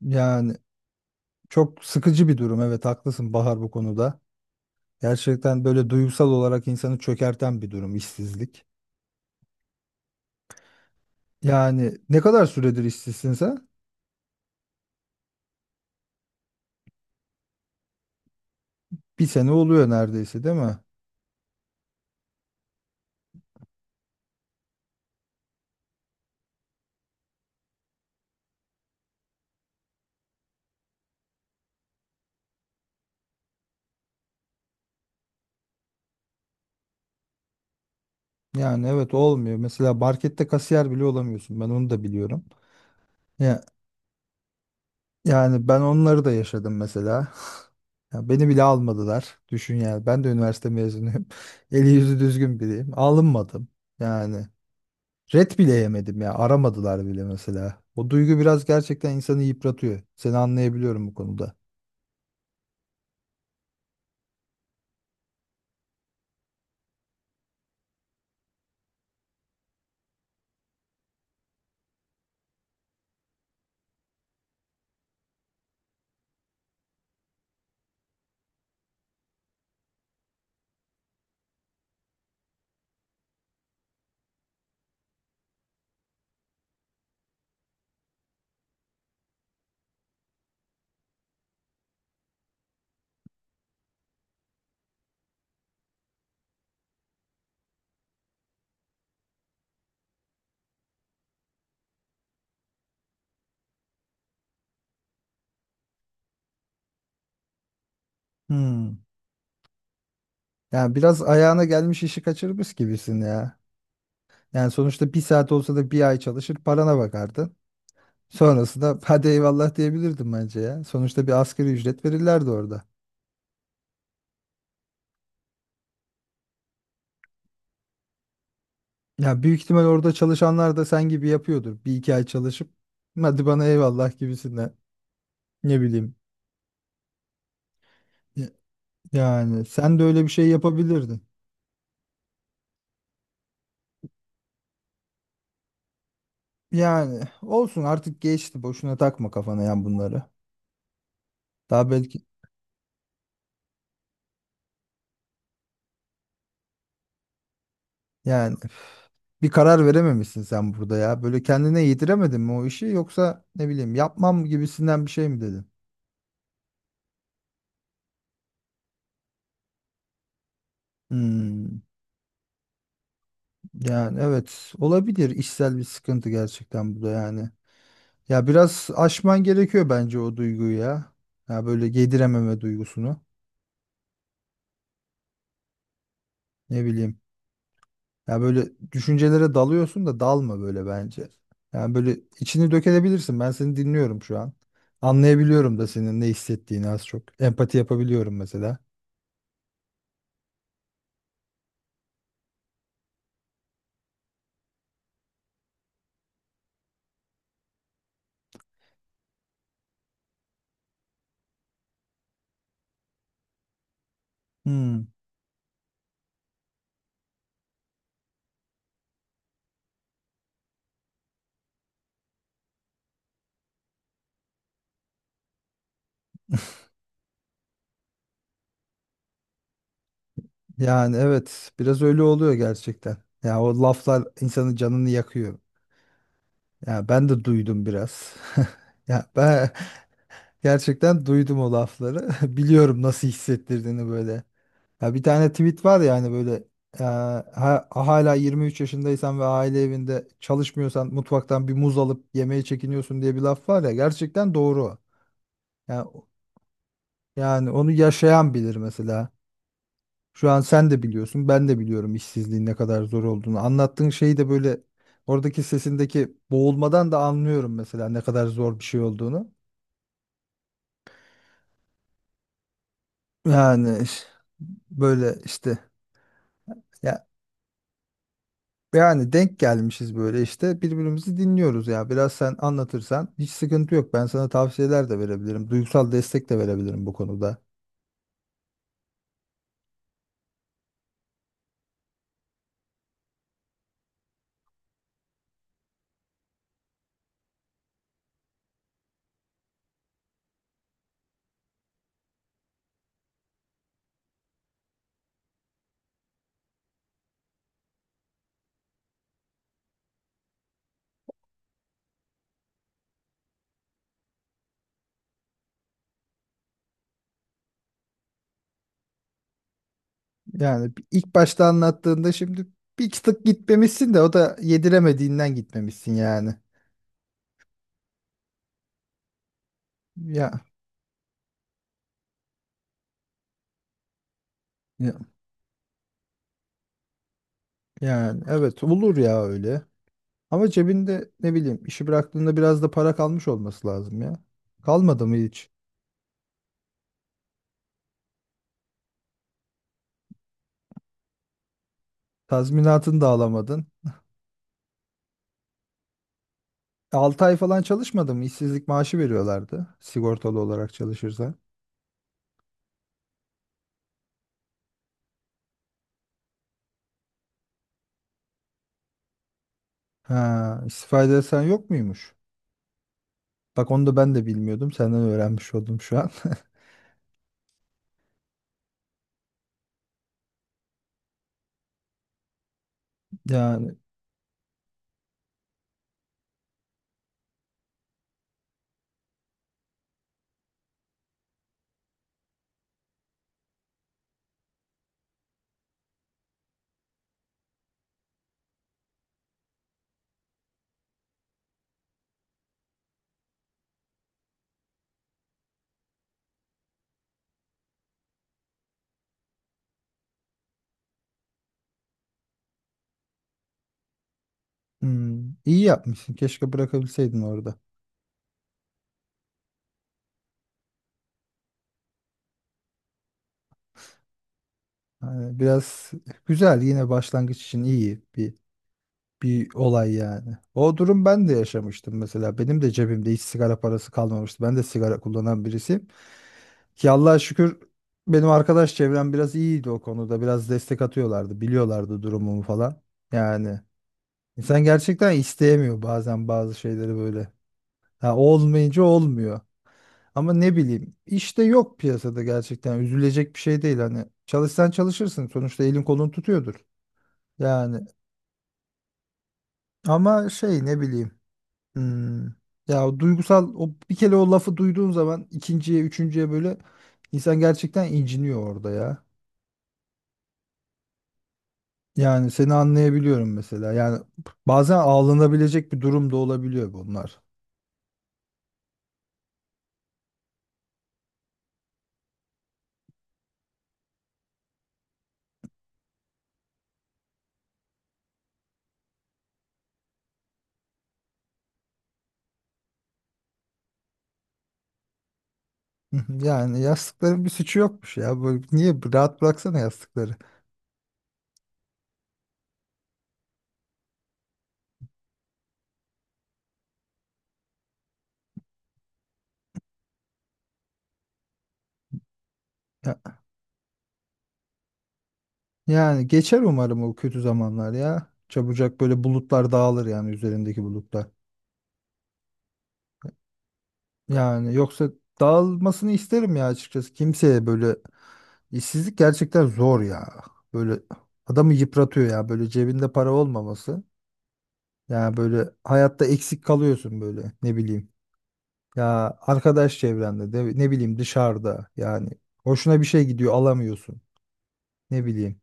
Yani çok sıkıcı bir durum. Evet haklısın Bahar bu konuda. Gerçekten böyle duygusal olarak insanı çökerten bir durum işsizlik. Yani ne kadar süredir işsizsin sen? Bir sene oluyor neredeyse değil mi? Yani evet olmuyor. Mesela markette kasiyer bile olamıyorsun. Ben onu da biliyorum. Ya, yani ben onları da yaşadım mesela. Ya beni bile almadılar. Düşün yani. Ben de üniversite mezunuyum. Eli yüzü düzgün biriyim. Alınmadım. Yani red bile yemedim ya. Aramadılar bile mesela. O duygu biraz gerçekten insanı yıpratıyor. Seni anlayabiliyorum bu konuda. Hmm. Yani biraz ayağına gelmiş işi kaçırmış gibisin ya. Yani sonuçta bir saat olsa da bir ay çalışır parana bakardın. Sonrasında hadi eyvallah diyebilirdim bence ya. Sonuçta bir asgari ücret verirlerdi orada. Ya büyük ihtimal orada çalışanlar da sen gibi yapıyordur. Bir iki ay çalışıp hadi bana eyvallah gibisinden. Ne bileyim. Ya- Yani sen de öyle bir şey yapabilirdin. Yani olsun artık geçti. Boşuna takma kafana yani bunları. Daha belki yani bir karar verememişsin sen burada ya. Böyle kendine yediremedin mi o işi yoksa ne bileyim yapmam gibisinden bir şey mi dedin? Hmm, yani evet olabilir işsel bir sıkıntı gerçekten bu da yani. Ya biraz aşman gerekiyor bence o duyguyu ya. Ya böyle yedirememe duygusunu. Ne bileyim. Ya böyle düşüncelere dalıyorsun da dalma böyle bence. Yani böyle içini dökebilirsin. Ben seni dinliyorum şu an. Anlayabiliyorum da senin ne hissettiğini az çok. Empati yapabiliyorum mesela. Hmm. Yani evet biraz öyle oluyor gerçekten. Ya o laflar insanın canını yakıyor. Ya ben de duydum biraz. Ya ben gerçekten duydum o lafları. Biliyorum nasıl hissettirdiğini böyle. Ya bir tane tweet var ya hani böyle e, hala 23 yaşındaysan ve aile evinde çalışmıyorsan mutfaktan bir muz alıp yemeye çekiniyorsun diye bir laf var ya gerçekten doğru. Yani, yani onu yaşayan bilir mesela. Şu an sen de biliyorsun ben de biliyorum işsizliğin ne kadar zor olduğunu. Anlattığın şeyi de böyle oradaki sesindeki boğulmadan da anlıyorum mesela ne kadar zor bir şey olduğunu. Yani böyle işte ya, yani denk gelmişiz böyle işte birbirimizi dinliyoruz ya. Biraz sen anlatırsan hiç sıkıntı yok. Ben sana tavsiyeler de verebilirim. Duygusal destek de verebilirim bu konuda. Yani ilk başta anlattığında şimdi bir tık gitmemişsin de o da yediremediğinden gitmemişsin yani. Ya, ya yani evet olur ya öyle. Ama cebinde ne bileyim işi bıraktığında biraz da para kalmış olması lazım ya. Kalmadı mı hiç? Tazminatını da alamadın. 6 ay falan çalışmadım. İşsizlik maaşı veriyorlardı. Sigortalı olarak çalışırsan. Ha, istifa edersen yok muymuş? Bak onu da ben de bilmiyordum. Senden öğrenmiş oldum şu an. Yani hmm, iyi yapmışsın. Keşke bırakabilseydin orada. Yani biraz güzel yine başlangıç için iyi bir olay yani. O durum ben de yaşamıştım mesela. Benim de cebimde hiç sigara parası kalmamıştı. Ben de sigara kullanan birisiyim. Ki Allah'a şükür benim arkadaş çevrem biraz iyiydi o konuda. Biraz destek atıyorlardı. Biliyorlardı durumumu falan. Yani insan gerçekten isteyemiyor bazen bazı şeyleri böyle. Ha, olmayınca olmuyor. Ama ne bileyim işte yok piyasada gerçekten üzülecek bir şey değil hani çalışsan çalışırsın sonuçta elin kolun tutuyordur. Yani ama şey ne bileyim. Hmm. Ya o duygusal o bir kere o lafı duyduğun zaman ikinciye, üçüncüye böyle insan gerçekten inciniyor orada ya. Yani seni anlayabiliyorum mesela. Yani bazen ağlanabilecek bir durum da olabiliyor bunlar. Yani yastıkların bir suçu yokmuş ya. Böyle niye rahat bıraksana yastıkları. Ya- yani geçer umarım o kötü zamanlar ya. Çabucak böyle bulutlar dağılır yani üzerindeki bulutlar. Yani yoksa dağılmasını isterim ya açıkçası. Kimseye böyle. İşsizlik gerçekten zor ya. Böyle adamı yıpratıyor ya. Böyle cebinde para olmaması. Ya böyle hayatta eksik kalıyorsun böyle ne bileyim. Ya arkadaş çevrende de ne bileyim dışarıda yani hoşuna bir şey gidiyor alamıyorsun. Ne bileyim.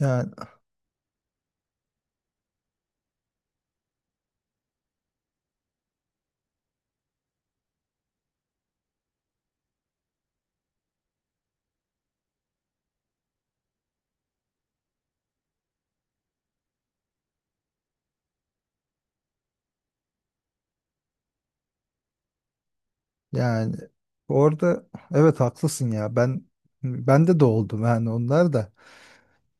Yani yani orada evet haklısın ya. Ben bende de oldum yani onlar da.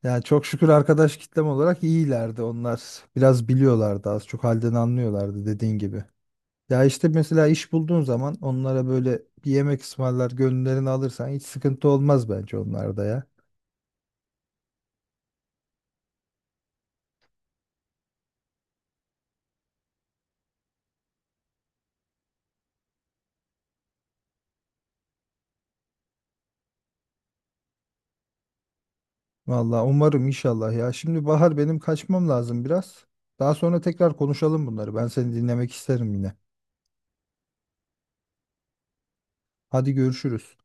Yani çok şükür arkadaş kitlem olarak iyilerdi onlar. Biraz biliyorlardı az çok halden anlıyorlardı dediğin gibi. Ya işte mesela iş bulduğun zaman onlara böyle bir yemek ısmarlar, gönüllerini alırsan hiç sıkıntı olmaz bence onlarda ya. Vallahi umarım inşallah ya. Şimdi Bahar benim kaçmam lazım biraz. Daha sonra tekrar konuşalım bunları. Ben seni dinlemek isterim yine. Hadi görüşürüz.